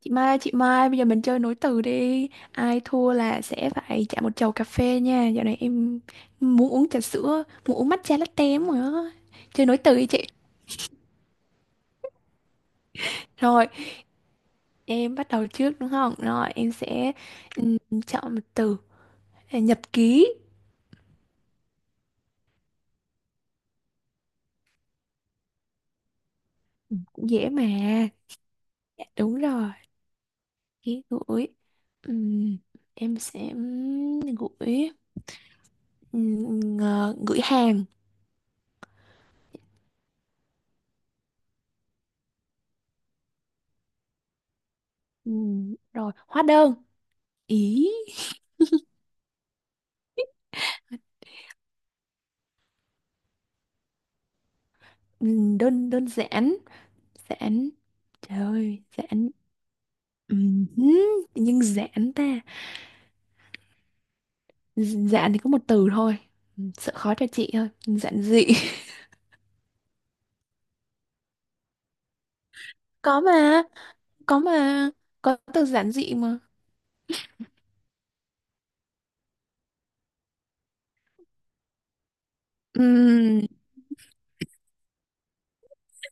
Chị Mai, bây giờ mình chơi nối từ đi. Ai thua là sẽ phải trả một chầu cà phê nha. Dạo này em muốn uống trà sữa, muốn uống matcha latte lắm rồi đó. Chơi nối từ đi chị. Rồi, em bắt đầu trước đúng không? Rồi, em sẽ ừm, chọn một từ. À, Nhật ký, cũng dễ mà. Dạ, đúng rồi, ký gửi. Ừm, em sẽ gửi gửi hàng. Rồi, hóa đơn. Ý, đơn đơn giản. Giãn. Trời ơi, giãn. Ừm, Tự nhiên giãn ta. Giãn thì có một từ thôi. Sợ khó cho chị thôi. Giản dị. Có mà. Có mà. Có từ giản dị mà. Ừm,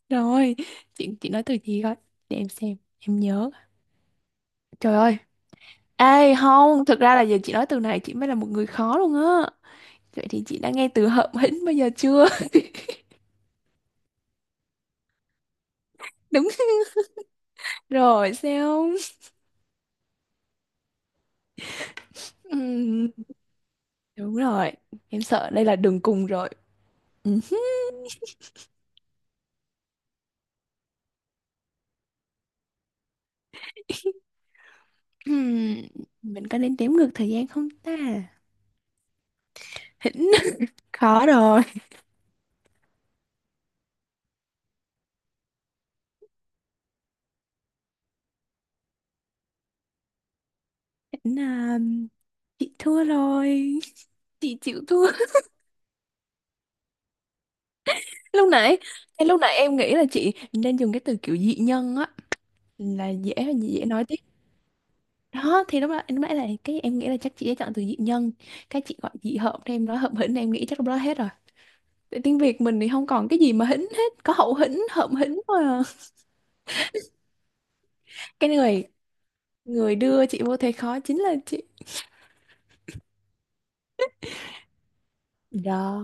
Rồi. Chị nói từ gì coi. Để em xem. Em nhớ. Trời ơi. Ê, không. Thực ra là giờ chị nói từ này, chị mới là một người khó luôn á. Vậy thì chị đã nghe từ hợm hĩnh bao giờ chưa? Đúng rồi sao. Ừm, Đúng rồi. Em sợ đây là đường cùng rồi. Ừ hứ. Ừm, mình có nên đếm ngược thời gian không ta? Hỉnh khó rồi. Hỉnh à, chị thua rồi. Chị chịu thua. Lúc nãy, ngay lúc nãy em nghĩ là chị nên dùng cái từ kiểu dị nhân á, là dễ, dễ nói tiếp. Đó thì lúc đó lúc nãy là cái em nghĩ là chắc chị sẽ chọn từ dị nhân. Cái chị gọi dị hợm thì em nói hợm hỉnh, em nghĩ chắc lúc đó hết rồi. Tại tiếng Việt mình thì không còn cái gì mà hỉnh hết, có hậu hỉnh, hợm hỉnh thôi à. Cái người người đưa chị vô thế khó chính là chị. Đó.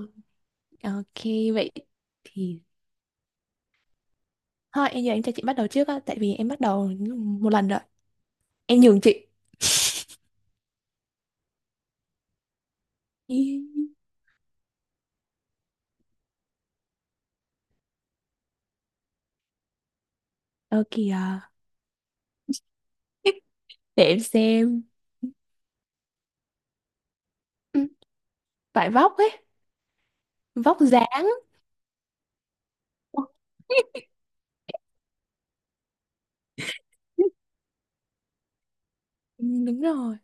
Ok, vậy thì thôi em giờ em cho chị bắt đầu trước á, tại vì em bắt đầu một lần rồi. Em nhường chị. Ý, ok à. Để em xem. Ừ, vải vóc ấy, vóc dáng. Ừ, đúng rồi.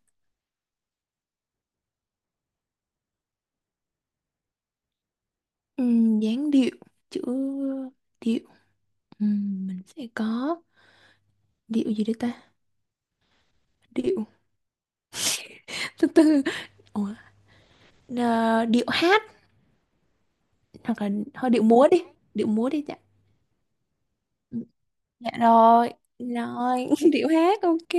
Ừ, dáng điệu, chữ điệu. Ừ, mình sẽ có điệu gì đây ta? Điệu. Từ từ. Ủa, à, điệu hát, hoặc là thôi điệu múa đi dạ. Ừ, dạ rồi, rồi, điệu hát ok.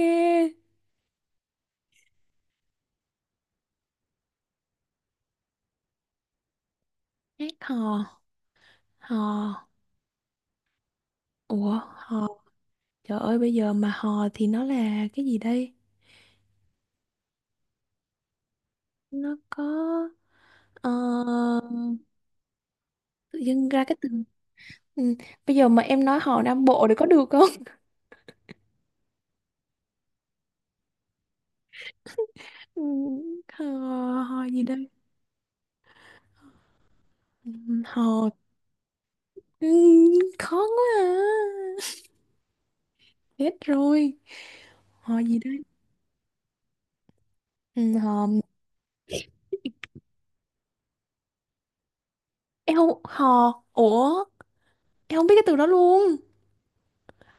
Hát hò, hò, ủa hò, trời ơi bây giờ mà hò thì nó là cái gì đây? Nó có, ờ, tự dưng ra cái từ, ừ. Bây giờ mà em nói hò Nam Bộ thì có được không? Ừ, hò, hò gì đây? Ừ, hò, ừ, khó quá à. Hết rồi, hò gì đây? Ừ, hò, em không, hò, ủa, em không biết cái từ đó luôn.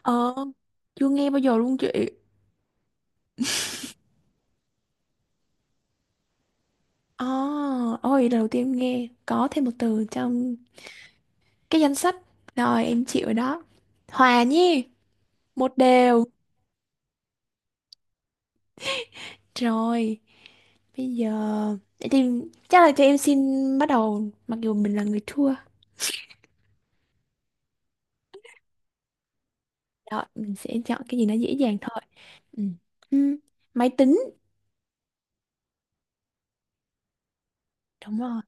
Ờ, chưa nghe bao giờ luôn chị. Oh, ôi lần đầu tiên em nghe có thêm một từ trong cái danh sách. Rồi em chịu rồi đó. Hòa nhi, một đều. Rồi, bây giờ để tìm chắc là cho em xin bắt đầu mặc dù mình là người thua. Rồi, mình sẽ chọn cái gì nó dễ dàng thôi. Ừ. Ừ. Máy tính. Đúng rồi,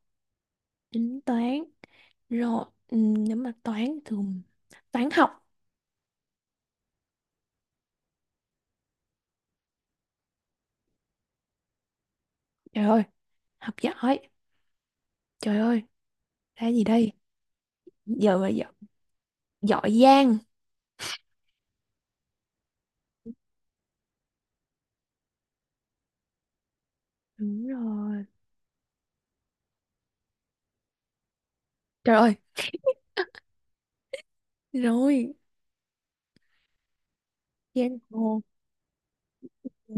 tính toán. Rồi, ừ, nếu mà toán thường, toán học. Trời ơi, học giỏi. Trời ơi, ra gì đây? Giờ mà giỏi, giỏi giang. Đúng rồi. Trời ơi, rồi, giang hồ. Ừ,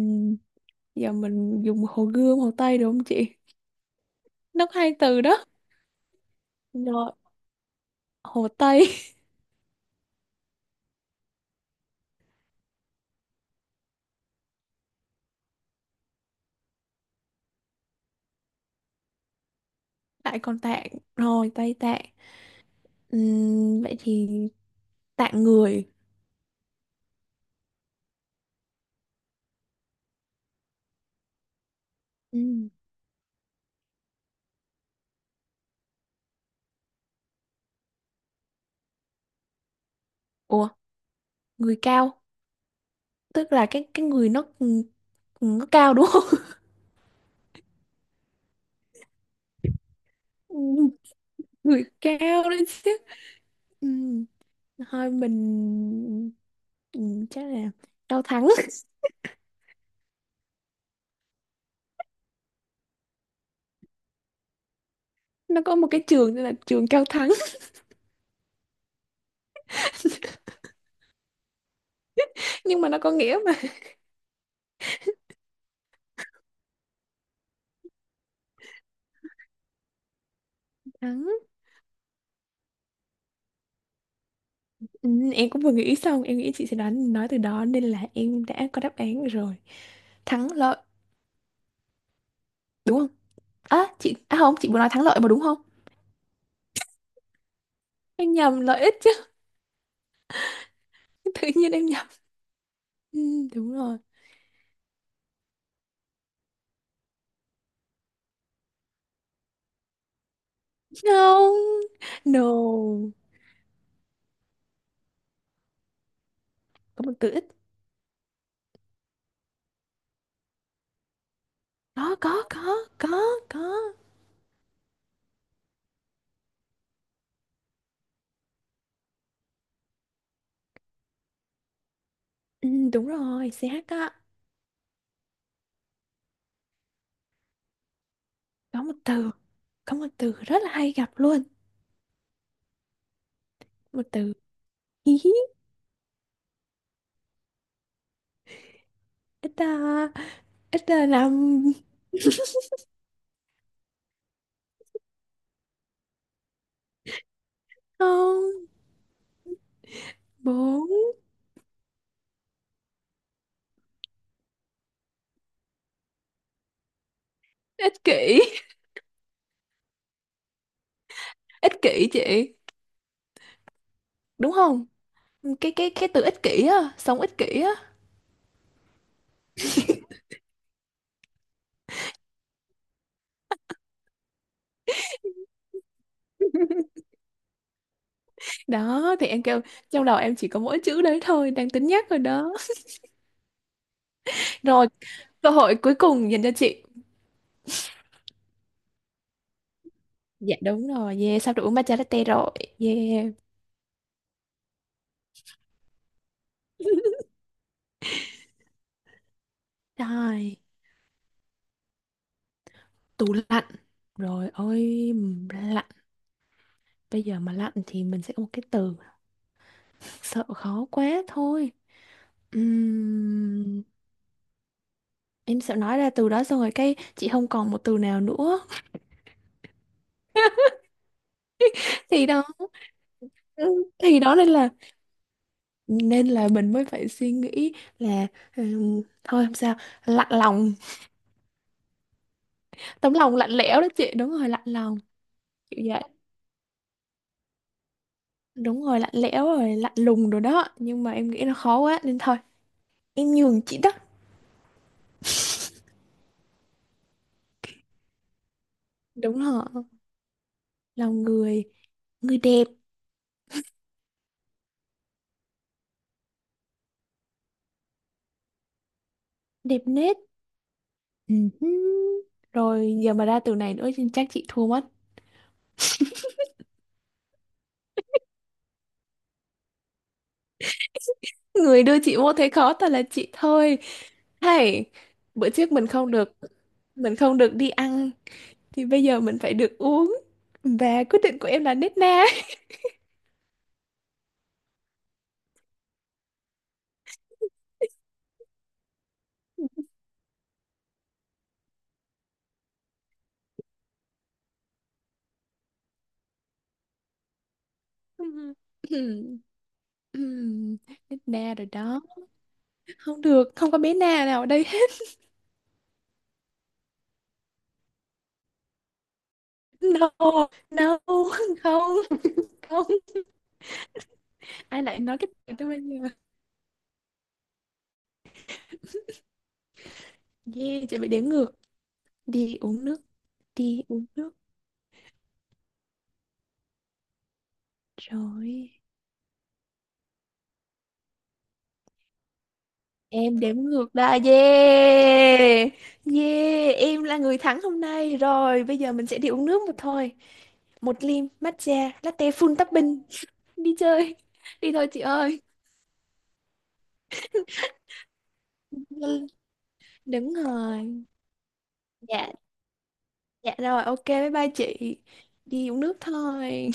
giờ mình dùng hồ Gươm, hồ Tây được không chị? Nó có hai từ đó. Rồi, hồ Tây, lại còn Tạng. Rồi, Tây Tạng. Vậy thì Tạng người. Ừm, Ủa, người cao. Tức là cái người nó cao đúng không? Ừm, Người cao đấy chứ. Ừm, Thôi mình chắc là Cao Thắng. Nó có một cái trường tên là trường Cao Thắng. Nhưng mà nó có nghĩa mà. Thắng. Ừ, em cũng vừa nghĩ xong, em nghĩ chị sẽ đoán nói từ đó nên là em đã có đáp án rồi, thắng lợi đúng không? À chị, à không, chị vừa nói thắng lợi mà đúng không? Em nhầm lợi ích chứ. Tự nhiên em nhầm. Ừ, đúng rồi. Không, no, có một từ ít. Có có. Ừ, đúng rồi CH á. Có một từ, có một từ rất là hay gặp luôn. Một từ. Hí hí. Ít ta. Ít ta, năm, không, bốn, ích kỷ, ích kỷ chị, đúng không? Cái từ ích kỷ á, sống ích kỷ á. Đó thì em kêu trong đầu em chỉ có mỗi chữ đấy thôi, đang tính nhắc rồi đó. Rồi, cơ hội cuối cùng dành cho chị. Dạ đúng rồi, yeah sắp được uống matcha latte rồi. Yeah. Rồi, tủ lạnh, rồi ôi, lạnh, bây giờ mà lạnh thì mình sẽ có một cái từ, sợ khó quá thôi. Ừm, em sợ nói ra từ đó xong rồi cái chị không còn một từ nào nữa. Thì đó. Ừ, thì đó nên là mình mới phải suy nghĩ là thôi không sao, lạnh lòng, tấm lòng lạnh lẽo đó chị, đúng rồi lạnh lòng kiểu vậy. Đúng rồi lạnh lẽo rồi, lạnh lùng rồi đó, nhưng mà em nghĩ nó khó quá nên thôi em nhường chị đó. Đúng rồi, lòng người, người đẹp, đẹp nết. Ừ hứ. Rồi giờ mà ra từ này nữa thì chắc chị thua mất. Người đưa chị vô thế khó thật là chị thôi. Hay bữa trước mình không được, mình không được đi ăn thì bây giờ mình phải được uống, và quyết định của em là nết na. Ừm, Nết na rồi đó. Không được, không có bé na nào ở đây hết. No, no, không, không, ai lại nói cái từ đó bây giờ. Yeah chị bị đếm ngược, đi uống nước, đi uống nước rồi. Em đếm ngược đã. Yeah, yeah em là người thắng hôm nay rồi, bây giờ mình sẽ đi uống nước một thôi, một ly matcha latte full topping, đi chơi đi thôi chị ơi. Đúng rồi, dạ, dạ rồi, ok bye bye chị. Đi uống nước thôi.